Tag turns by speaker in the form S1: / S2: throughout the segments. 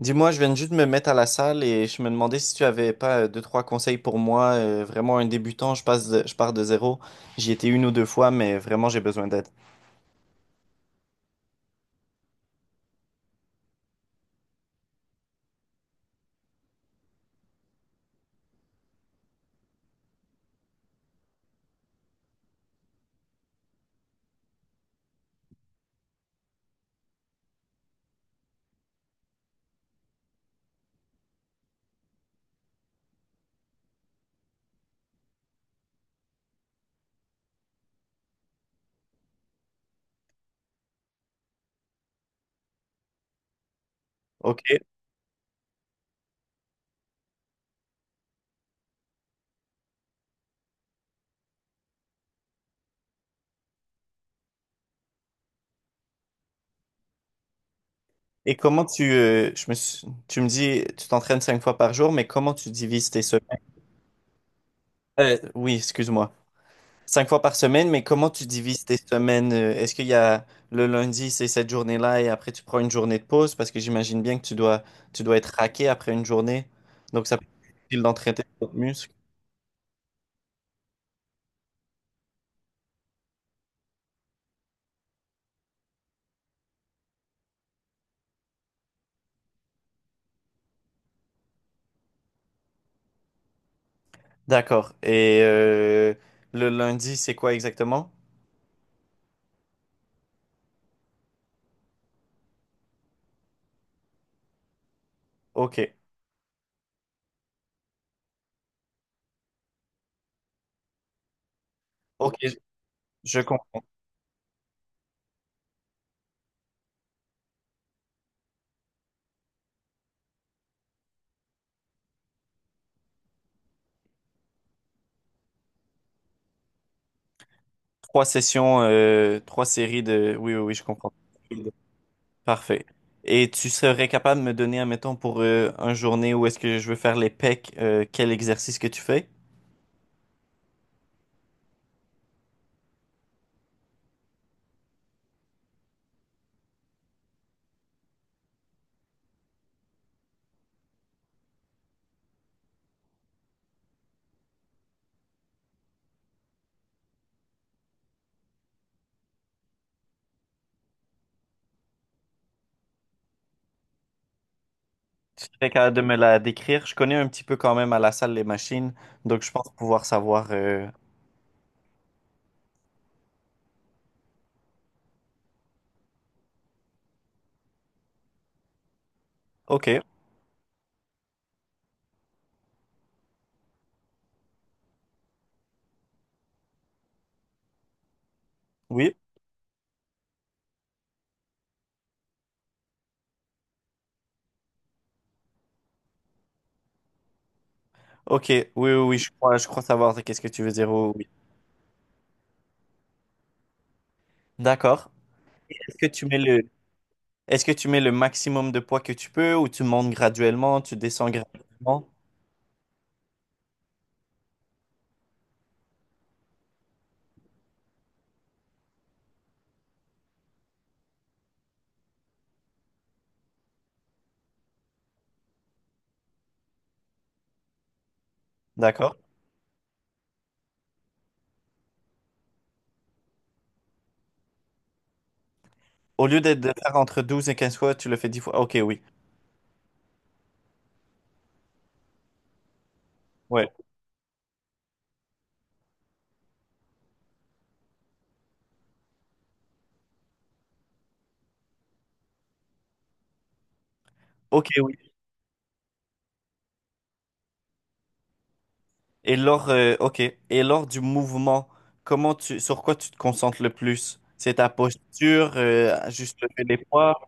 S1: Dis-moi, je viens juste de juste me mettre à la salle et je me demandais si tu avais pas deux, trois conseils pour moi. Vraiment un débutant, je passe je pars de zéro. J'y étais une ou deux fois, mais vraiment j'ai besoin d'aide. Ok. Et comment tu, je me suis- tu me dis, tu t'entraînes cinq fois par jour, mais comment tu divises tes semaines? Oui, excuse-moi. Cinq fois par semaine, mais comment tu divises tes semaines? Est-ce qu'il y a le lundi, c'est cette journée-là et après tu prends une journée de pause parce que j'imagine bien que tu dois être raqué après une journée. Donc ça peut être difficile d'entraîner tes autres muscles. D'accord. Et le lundi, c'est quoi exactement? Ok. Ok, je comprends. Trois sessions, trois séries. Oui, oui, oui, je comprends. Parfait. Et tu serais capable de me donner, admettons, pour un journée où est-ce que je veux faire les pecs, quel exercice que tu fais? Tu serais capable de me la décrire? Je connais un petit peu quand même à la salle les machines, donc je pense pouvoir savoir. Ok, oui. Ok, oui, oui, oui, je crois savoir qu'est-ce que tu veux dire. Oui. Oui. D'accord. Est-ce que tu mets le... Est-ce que tu mets le maximum de poids que tu peux ou tu montes graduellement, tu descends graduellement? D'accord. Au lieu d'être de faire entre 12 et 15 fois, tu le fais 10 fois. Ok, oui. Ouais. Ok, oui. Et lors, ok. Et lors du mouvement, sur quoi tu te concentres le plus? C'est ta posture, juste lever les poids.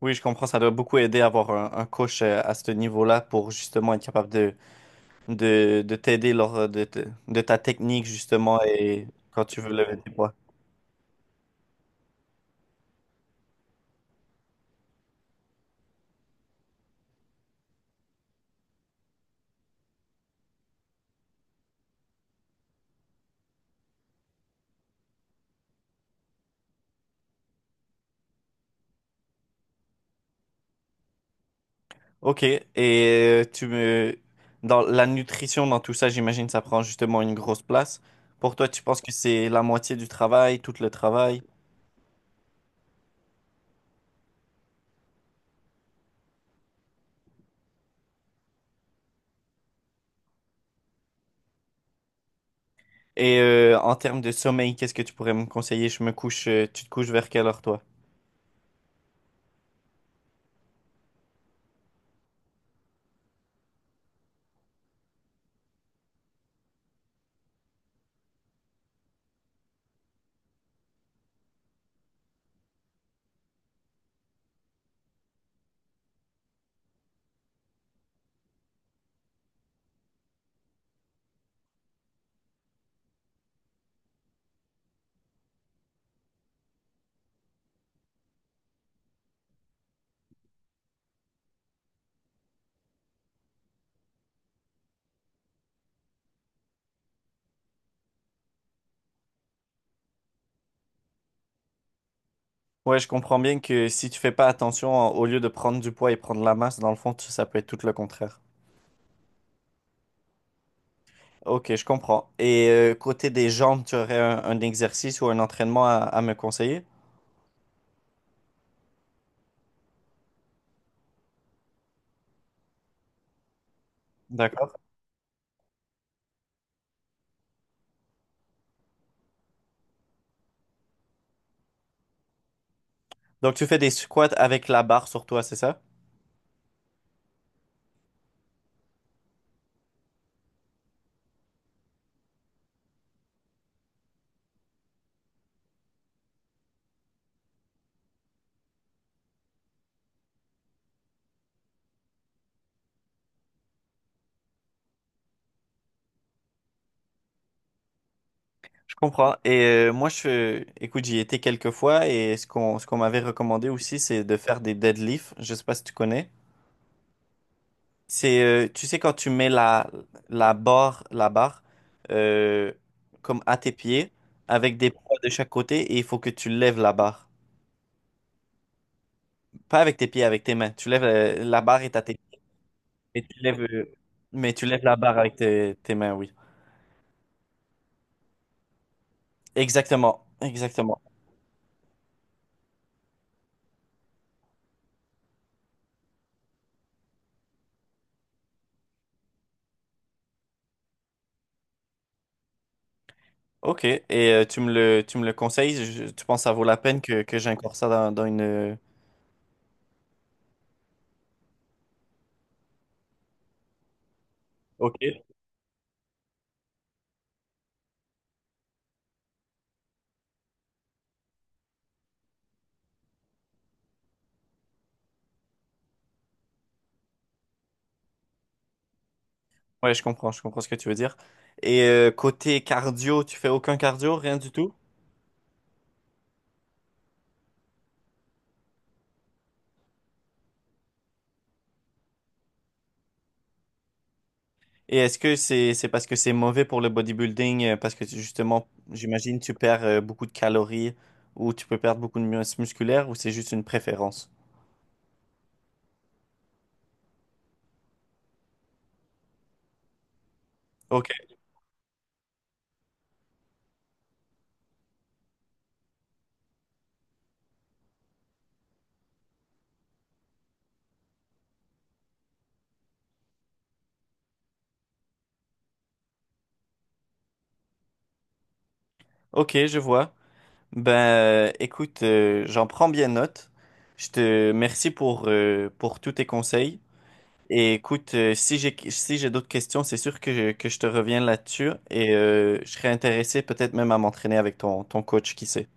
S1: Oui, je comprends, ça doit beaucoup aider à avoir un coach à ce niveau-là pour justement être capable de t'aider lors de ta technique, justement, et quand tu veux lever tes poids. Ok. Dans la nutrition, dans tout ça, j'imagine ça prend justement une grosse place. Pour toi, tu penses que c'est la moitié du travail, tout le travail. En termes de sommeil, qu'est-ce que tu pourrais me conseiller? Tu te couches vers quelle heure, toi? Ouais, je comprends bien que si tu fais pas attention, au lieu de prendre du poids et prendre la masse, dans le fond, ça peut être tout le contraire. Ok, je comprends. Et côté des jambes, tu aurais un exercice ou un entraînement à me conseiller? D'accord. Donc tu fais des squats avec la barre sur toi, c'est ça? Je comprends. Et moi, je, écoute, j'y étais quelques fois et ce qu'on m'avait recommandé aussi, c'est de faire des deadlifts. Je sais pas si tu connais. C'est, tu sais, quand tu mets la barre euh, comme à tes pieds avec des poids de chaque côté et il faut que tu lèves la barre. Pas avec tes pieds, avec tes mains. Tu lèves la barre est à tes et tu lèves mais tu lèves la barre avec tes mains, oui. Exactement, exactement. Ok, et tu me le conseilles? Tu penses que ça vaut la peine que j'incore ça. Ok. Ouais, je comprends ce que tu veux dire. Et côté cardio, tu fais aucun cardio, rien du tout? Et est-ce que c'est parce que c'est mauvais pour le bodybuilding, parce que justement, j'imagine, tu perds beaucoup de calories ou tu peux perdre beaucoup de masse musculaire ou c'est juste une préférence? Ok, ok, je vois. Ben, écoute, j'en prends bien note. Je te merci pour tous tes conseils. Et écoute, si j'ai d'autres questions, c'est sûr que que je te reviens là-dessus et je serais intéressé peut-être même à m'entraîner avec ton coach, qui sait.